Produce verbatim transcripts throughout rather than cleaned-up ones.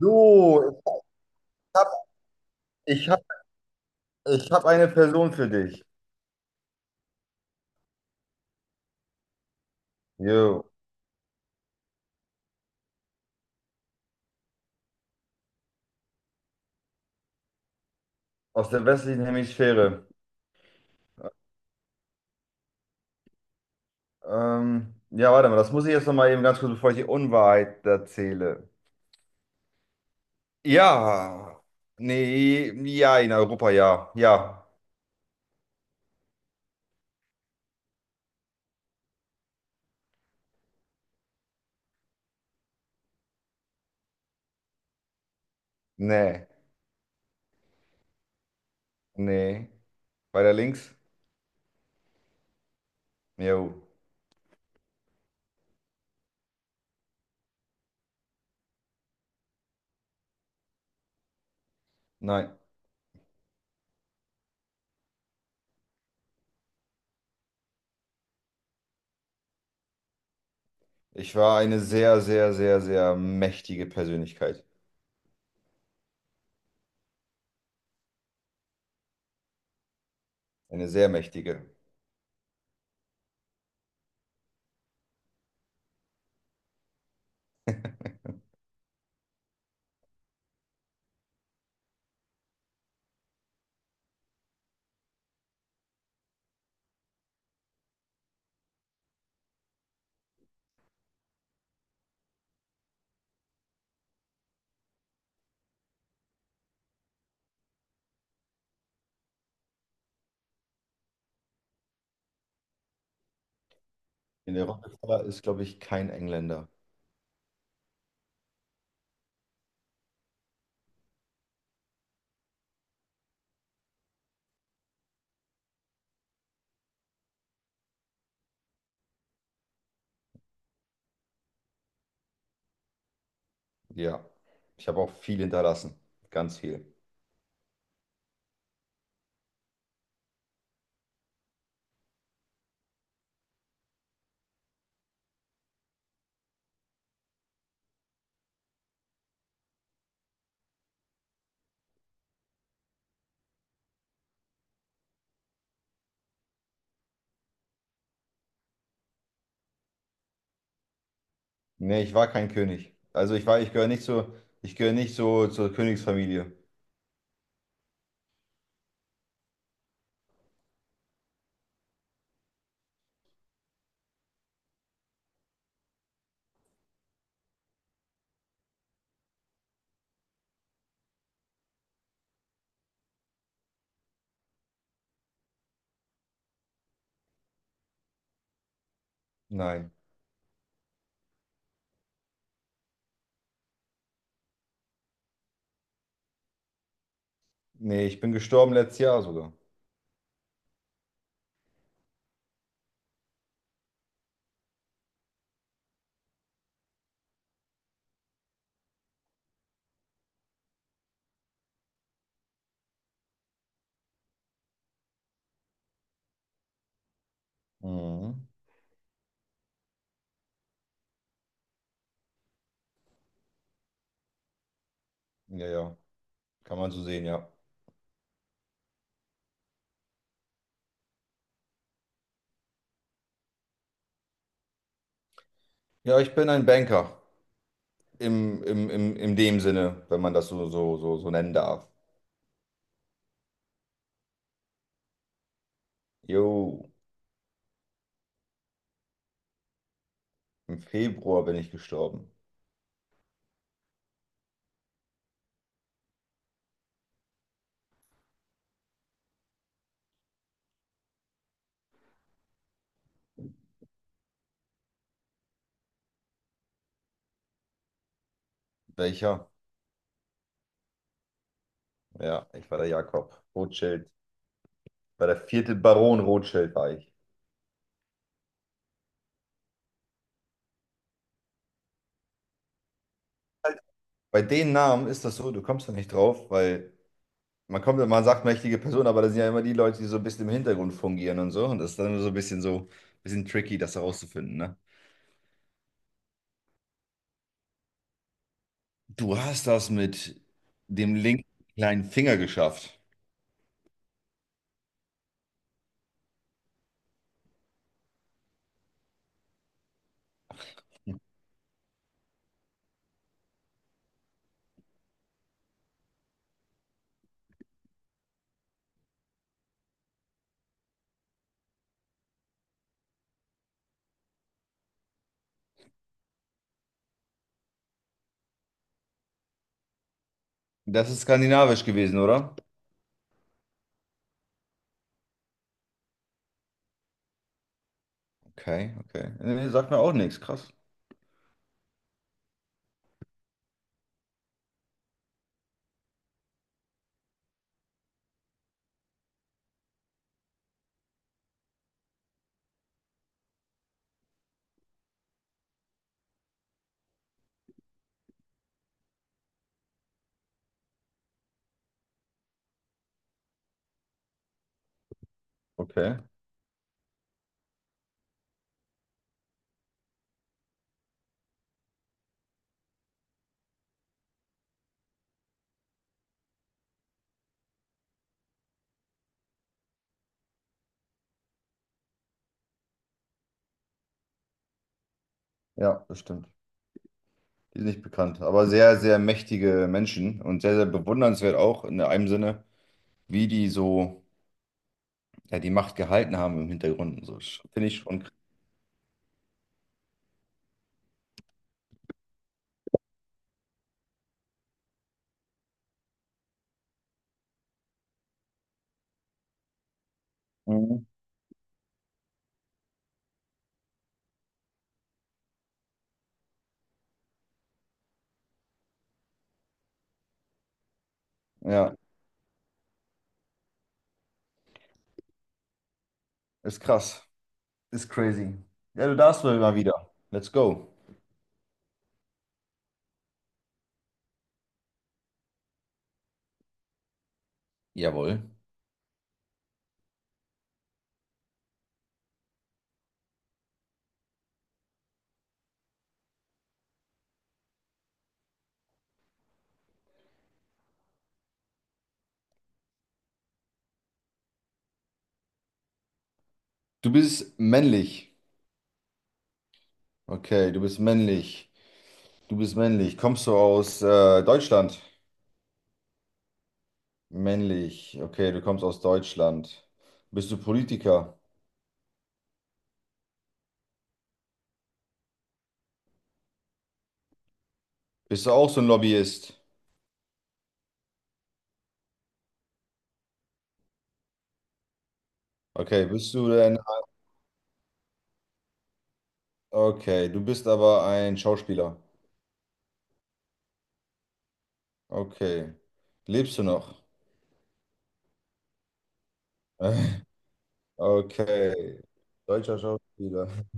So, ich habe ich hab, ich hab eine Person für dich. Jo, aus der westlichen Hemisphäre. Ähm, ja, warte mal, das muss ich jetzt nochmal eben ganz kurz, bevor ich die Unwahrheit erzähle. Ja, nee, ja, in Europa, ja, ja, nee, nee. Weiter links? Jo, nein. Ich war eine sehr, sehr, sehr, sehr mächtige Persönlichkeit. Eine sehr mächtige. In der Rockefeller ist, glaube ich, kein Engländer. Ja, ich habe auch viel hinterlassen. Ganz viel. Nee, ich war kein König. Also ich war, ich gehöre nicht so, ich gehöre nicht so zur Königsfamilie. Nein. Nee, ich bin gestorben letztes Jahr sogar. Mhm. Ja, ja. Kann man so sehen, ja. Ja, ich bin ein Banker. Im, im, im, in dem Sinne, wenn man das so, so, so, so nennen darf. Jo, im Februar bin ich gestorben. Welcher? Ja, ich war der Jakob Rothschild. War der vierte Baron Rothschild war ich. Bei den Namen ist das so, du kommst da nicht drauf, weil man kommt, man sagt mächtige Person, aber das sind ja immer die Leute, die so ein bisschen im Hintergrund fungieren und so. Und das ist dann so ein bisschen so, bisschen tricky, das herauszufinden, ne? Du hast das mit dem linken kleinen Finger geschafft. Das ist skandinavisch gewesen, oder? Okay, okay. Nee, sagt mir auch nichts, krass. Okay, ja, das stimmt. Die sind nicht bekannt, aber sehr, sehr mächtige Menschen und sehr, sehr bewundernswert auch in einem Sinne, wie die so, ja, die Macht gehalten haben im Hintergrund und so. Finde ich schon krass. Mhm. Ja, ist krass. Ist crazy. Ja, du darfst mal mal wieder. Let's go. Jawohl. Du bist männlich. Okay, du bist männlich. Du bist männlich. Kommst du aus äh, Deutschland? Männlich. Okay, du kommst aus Deutschland. Bist du Politiker? Bist du auch so ein Lobbyist? Okay, bist du denn... Okay, du bist aber ein Schauspieler. Okay. Lebst du noch? Okay. Deutscher Schauspieler.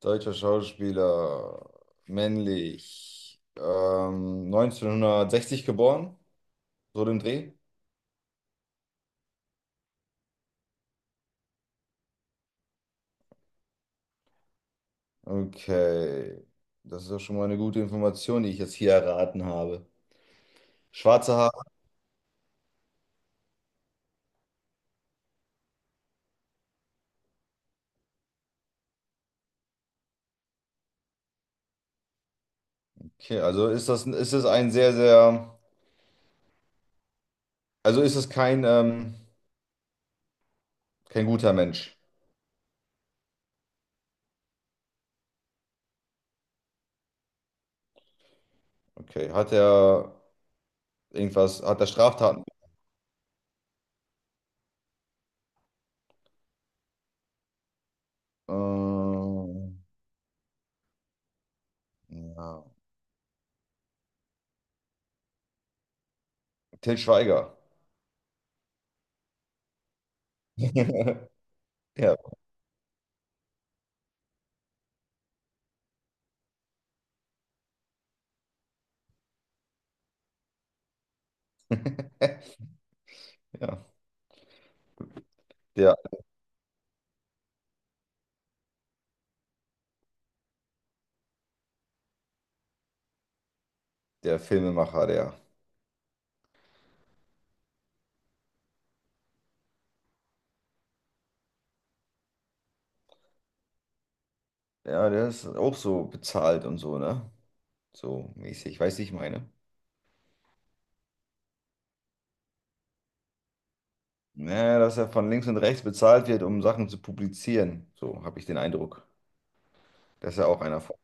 Deutscher Schauspieler, männlich, ähm, neunzehnhundertsechzig geboren, so dem Dreh. Okay, das ist ja schon mal eine gute Information, die ich jetzt hier erraten habe. Schwarze Haare, okay, also ist das, ist es ein sehr, sehr, also ist es kein, ähm, kein guter Mensch. Okay, hat er irgendwas, hat er Straftaten? Ähm, ja. Til Schweiger. Ja. Ja, der, der Filmemacher, der. Ja, der ist auch so bezahlt und so, ne? So mäßig, weißt du, ich meine. Naja, dass er von links und rechts bezahlt wird, um Sachen zu publizieren. So habe ich den Eindruck. Das ist ja auch einer von.